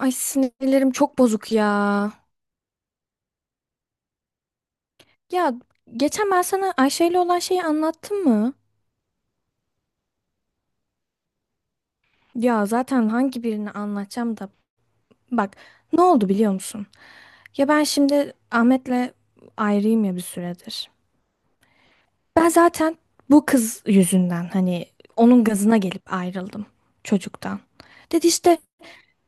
Ay sinirlerim çok bozuk ya. Ya geçen ben sana Ayşe ile olan şeyi anlattım mı? Ya zaten hangi birini anlatacağım da. Bak ne oldu biliyor musun? Ya ben şimdi Ahmet'le ayrıyım ya bir süredir. Ben zaten bu kız yüzünden hani onun gazına gelip ayrıldım çocuktan. Dedi işte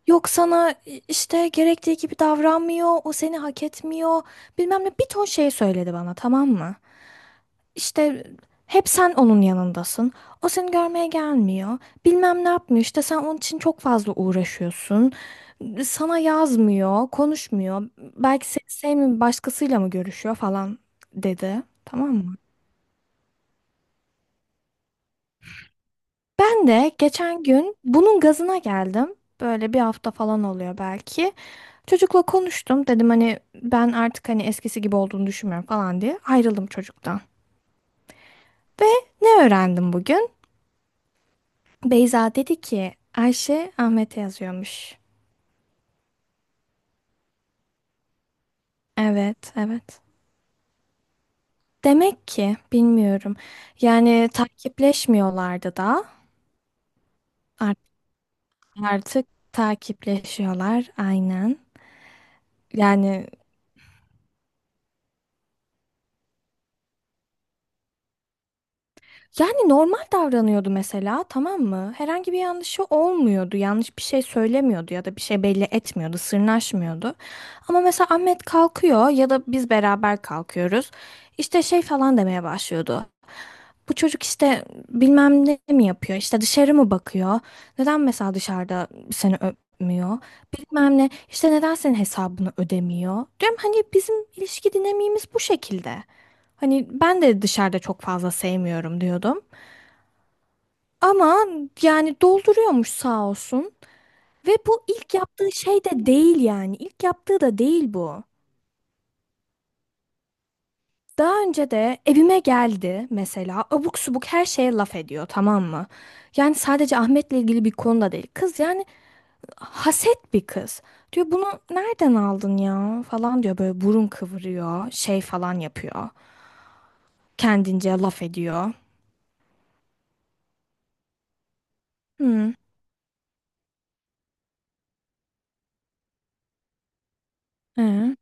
yok sana işte gerektiği gibi davranmıyor, o seni hak etmiyor bilmem ne bir ton şey söyledi bana tamam mı? İşte hep sen onun yanındasın. O seni görmeye gelmiyor. Bilmem ne yapmıyor. İşte sen onun için çok fazla uğraşıyorsun. Sana yazmıyor, konuşmuyor. Belki seni sevmiyor, başkasıyla mı görüşüyor falan dedi. Tamam mı? Ben de geçen gün bunun gazına geldim. Böyle bir hafta falan oluyor belki. Çocukla konuştum. Dedim hani ben artık hani eskisi gibi olduğunu düşünmüyorum falan diye. Ayrıldım çocuktan. Ve ne öğrendim bugün? Beyza dedi ki Ayşe Ahmet'e yazıyormuş. Evet, evet. Demek ki bilmiyorum. Yani takipleşmiyorlardı da. Art- Artık takipleşiyorlar aynen. Yani Yani normal davranıyordu mesela, tamam mı? Herhangi bir yanlışı olmuyordu. Yanlış bir şey söylemiyordu ya da bir şey belli etmiyordu, sırnaşmıyordu. Ama mesela Ahmet kalkıyor ya da biz beraber kalkıyoruz. İşte şey falan demeye başlıyordu. Bu çocuk işte bilmem ne mi yapıyor, işte dışarı mı bakıyor? Neden mesela dışarıda seni öpmüyor? Bilmem ne, işte neden senin hesabını ödemiyor? Diyorum hani bizim ilişki dinamiğimiz bu şekilde. Hani ben de dışarıda çok fazla sevmiyorum diyordum. Ama yani dolduruyormuş sağ olsun. Ve bu ilk yaptığı şey de değil yani. İlk yaptığı da değil bu. Daha önce de evime geldi mesela abuk subuk her şeye laf ediyor tamam mı? Yani sadece Ahmet'le ilgili bir konuda değil. Kız yani haset bir kız. Diyor bunu nereden aldın ya falan diyor böyle burun kıvırıyor şey falan yapıyor. Kendince laf ediyor. Hı. Hı.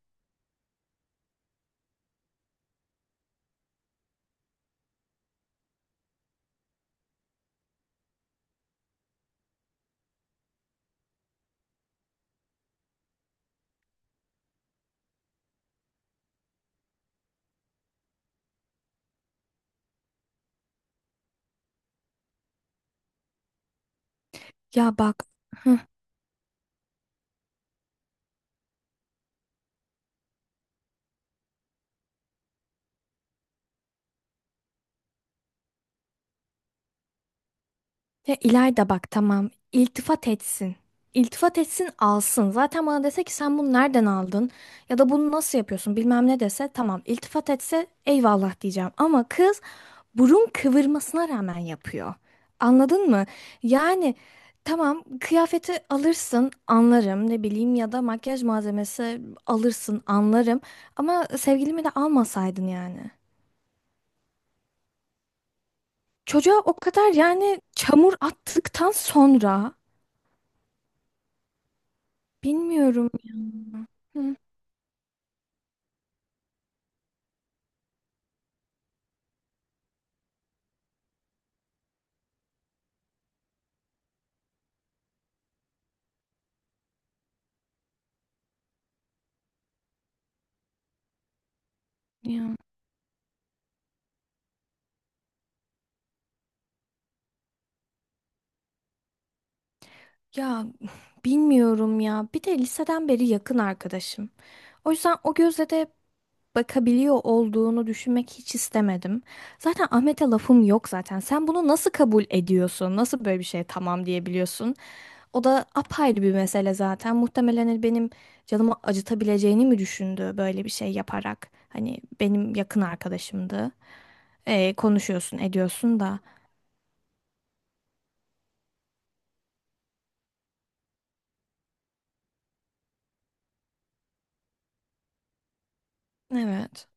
Ya bak. Ya İlayda bak tamam iltifat etsin. İltifat etsin alsın. Zaten bana dese ki sen bunu nereden aldın ya da bunu nasıl yapıyorsun bilmem ne dese tamam iltifat etse eyvallah diyeceğim. Ama kız burun kıvırmasına rağmen yapıyor. Anladın mı? Yani tamam kıyafeti alırsın anlarım ne bileyim ya da makyaj malzemesi alırsın anlarım. Ama sevgilimi de almasaydın yani. Çocuğa o kadar yani çamur attıktan sonra bilmiyorum. Ya, ya bilmiyorum ya. Bir de liseden beri yakın arkadaşım. O yüzden o gözle de bakabiliyor olduğunu düşünmek hiç istemedim. Zaten Ahmet'e lafım yok zaten. Sen bunu nasıl kabul ediyorsun? Nasıl böyle bir şeye tamam diyebiliyorsun? O da apayrı bir mesele zaten. Muhtemelen hani benim canımı acıtabileceğini mi düşündü böyle bir şey yaparak? Hani benim yakın arkadaşımdı. Konuşuyorsun, ediyorsun da. Evet.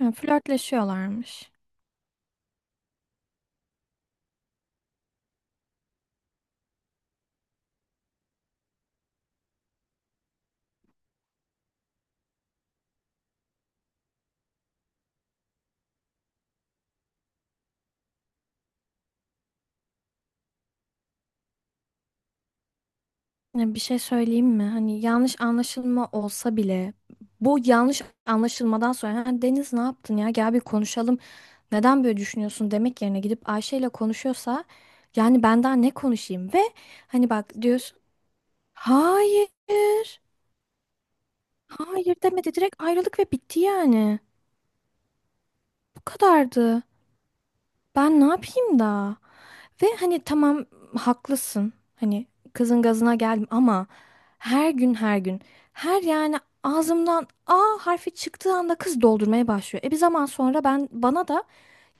Yani flörtleşiyorlarmış. Ya bir şey söyleyeyim mi? Hani yanlış anlaşılma olsa bile bu yanlış anlaşılmadan sonra "Ha, Deniz ne yaptın ya gel bir konuşalım. Neden böyle düşünüyorsun" demek yerine gidip Ayşe ile konuşuyorsa yani ben daha ne konuşayım ve hani bak diyorsun hayır, hayır demedi, direkt ayrılık ve bitti yani. Bu kadardı. Ben ne yapayım da? Ve hani tamam haklısın. Hani kızın gazına geldim ama her gün her gün her yani ağzımdan A harfi çıktığı anda kız doldurmaya başlıyor. Bir zaman sonra ben bana da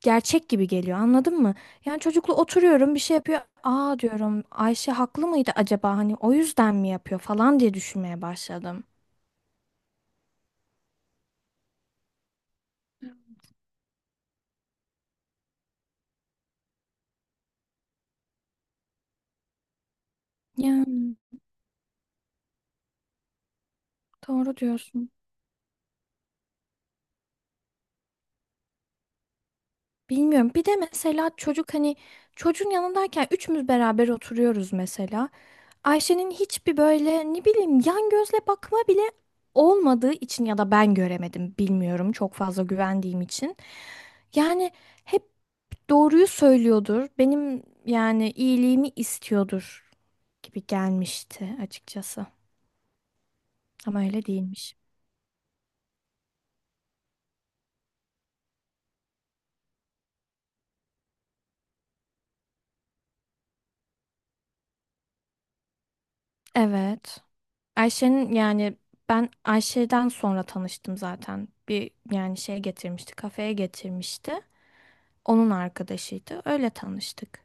gerçek gibi geliyor anladın mı? Yani çocukla oturuyorum bir şey yapıyor. Aa, diyorum Ayşe haklı mıydı acaba hani o yüzden mi yapıyor falan diye düşünmeye başladım. Yani doğru diyorsun. Bilmiyorum. Bir de mesela çocuk hani çocuğun yanındayken üçümüz beraber oturuyoruz mesela. Ayşe'nin hiçbir böyle ne bileyim yan gözle bakma bile olmadığı için ya da ben göremedim bilmiyorum çok fazla güvendiğim için. Yani hep doğruyu söylüyordur. Benim yani iyiliğimi istiyordur gibi gelmişti açıkçası. Ama öyle değilmiş. Evet. Ayşe'nin yani ben Ayşe'den sonra tanıştım zaten. Bir yani şey getirmişti, kafeye getirmişti. Onun arkadaşıydı. Öyle tanıştık.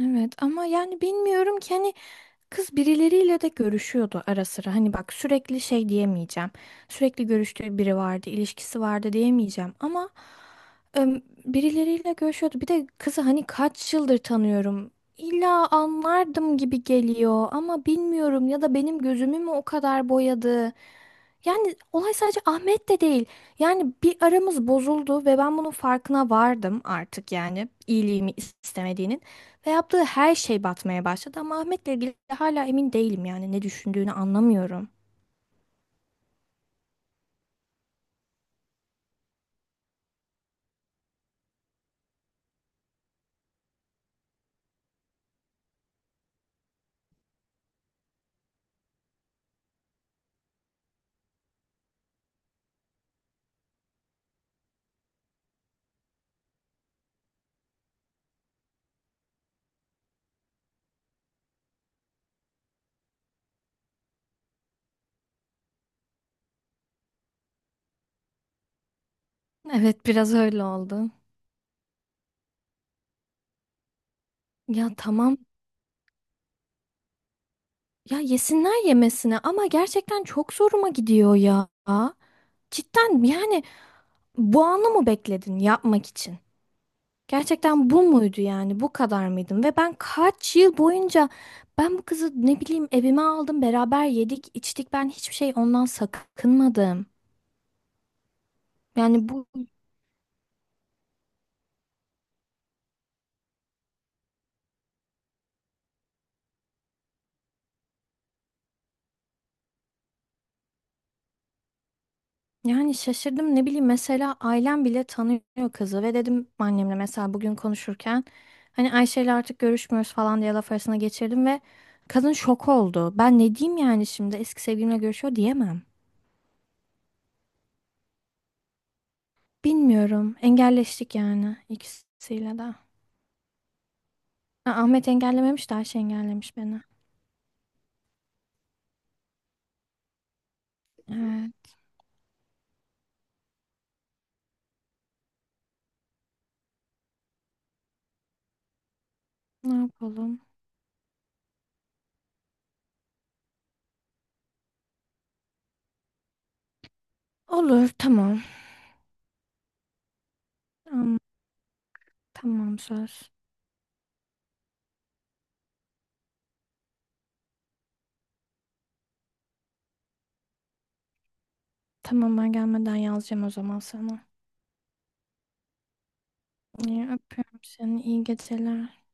Evet ama yani bilmiyorum ki hani kız birileriyle de görüşüyordu ara sıra. Hani bak sürekli şey diyemeyeceğim. Sürekli görüştüğü biri vardı, ilişkisi vardı diyemeyeceğim ama birileriyle görüşüyordu. Bir de kızı hani kaç yıldır tanıyorum. İlla anlardım gibi geliyor ama bilmiyorum ya da benim gözümü mü o kadar boyadı? Yani olay sadece Ahmet de değil. Yani bir aramız bozuldu ve ben bunun farkına vardım artık yani iyiliğimi istemediğinin. Ve yaptığı her şey batmaya başladı ama Ahmet'le ilgili hala emin değilim yani ne düşündüğünü anlamıyorum. Evet, biraz öyle oldu. Ya tamam ya yesinler yemesine ama gerçekten çok zoruma gidiyor ya. Cidden yani bu anı mı bekledin yapmak için? Gerçekten bu muydu yani? Bu kadar mıydım? Ve ben kaç yıl boyunca ben bu kızı ne bileyim evime aldım, beraber yedik, içtik. Ben hiçbir şey ondan sakınmadım. Yani bu yani şaşırdım ne bileyim mesela ailem bile tanıyor kızı ve dedim annemle mesela bugün konuşurken hani Ayşe ile artık görüşmüyoruz falan diye laf arasına geçirdim ve kadın şok oldu. Ben ne diyeyim yani şimdi eski sevgilimle görüşüyor diyemem. Bilmiyorum. Engelleştik yani ikisiyle de. Ha, Ahmet engellememiş de Ayşe engellemiş beni. Evet, ne yapalım? Olur, tamam. Am- tamam, söz. Tamam, ben gelmeden yazacağım o zaman sana. İyi, öpüyorum seni. İyi geceler.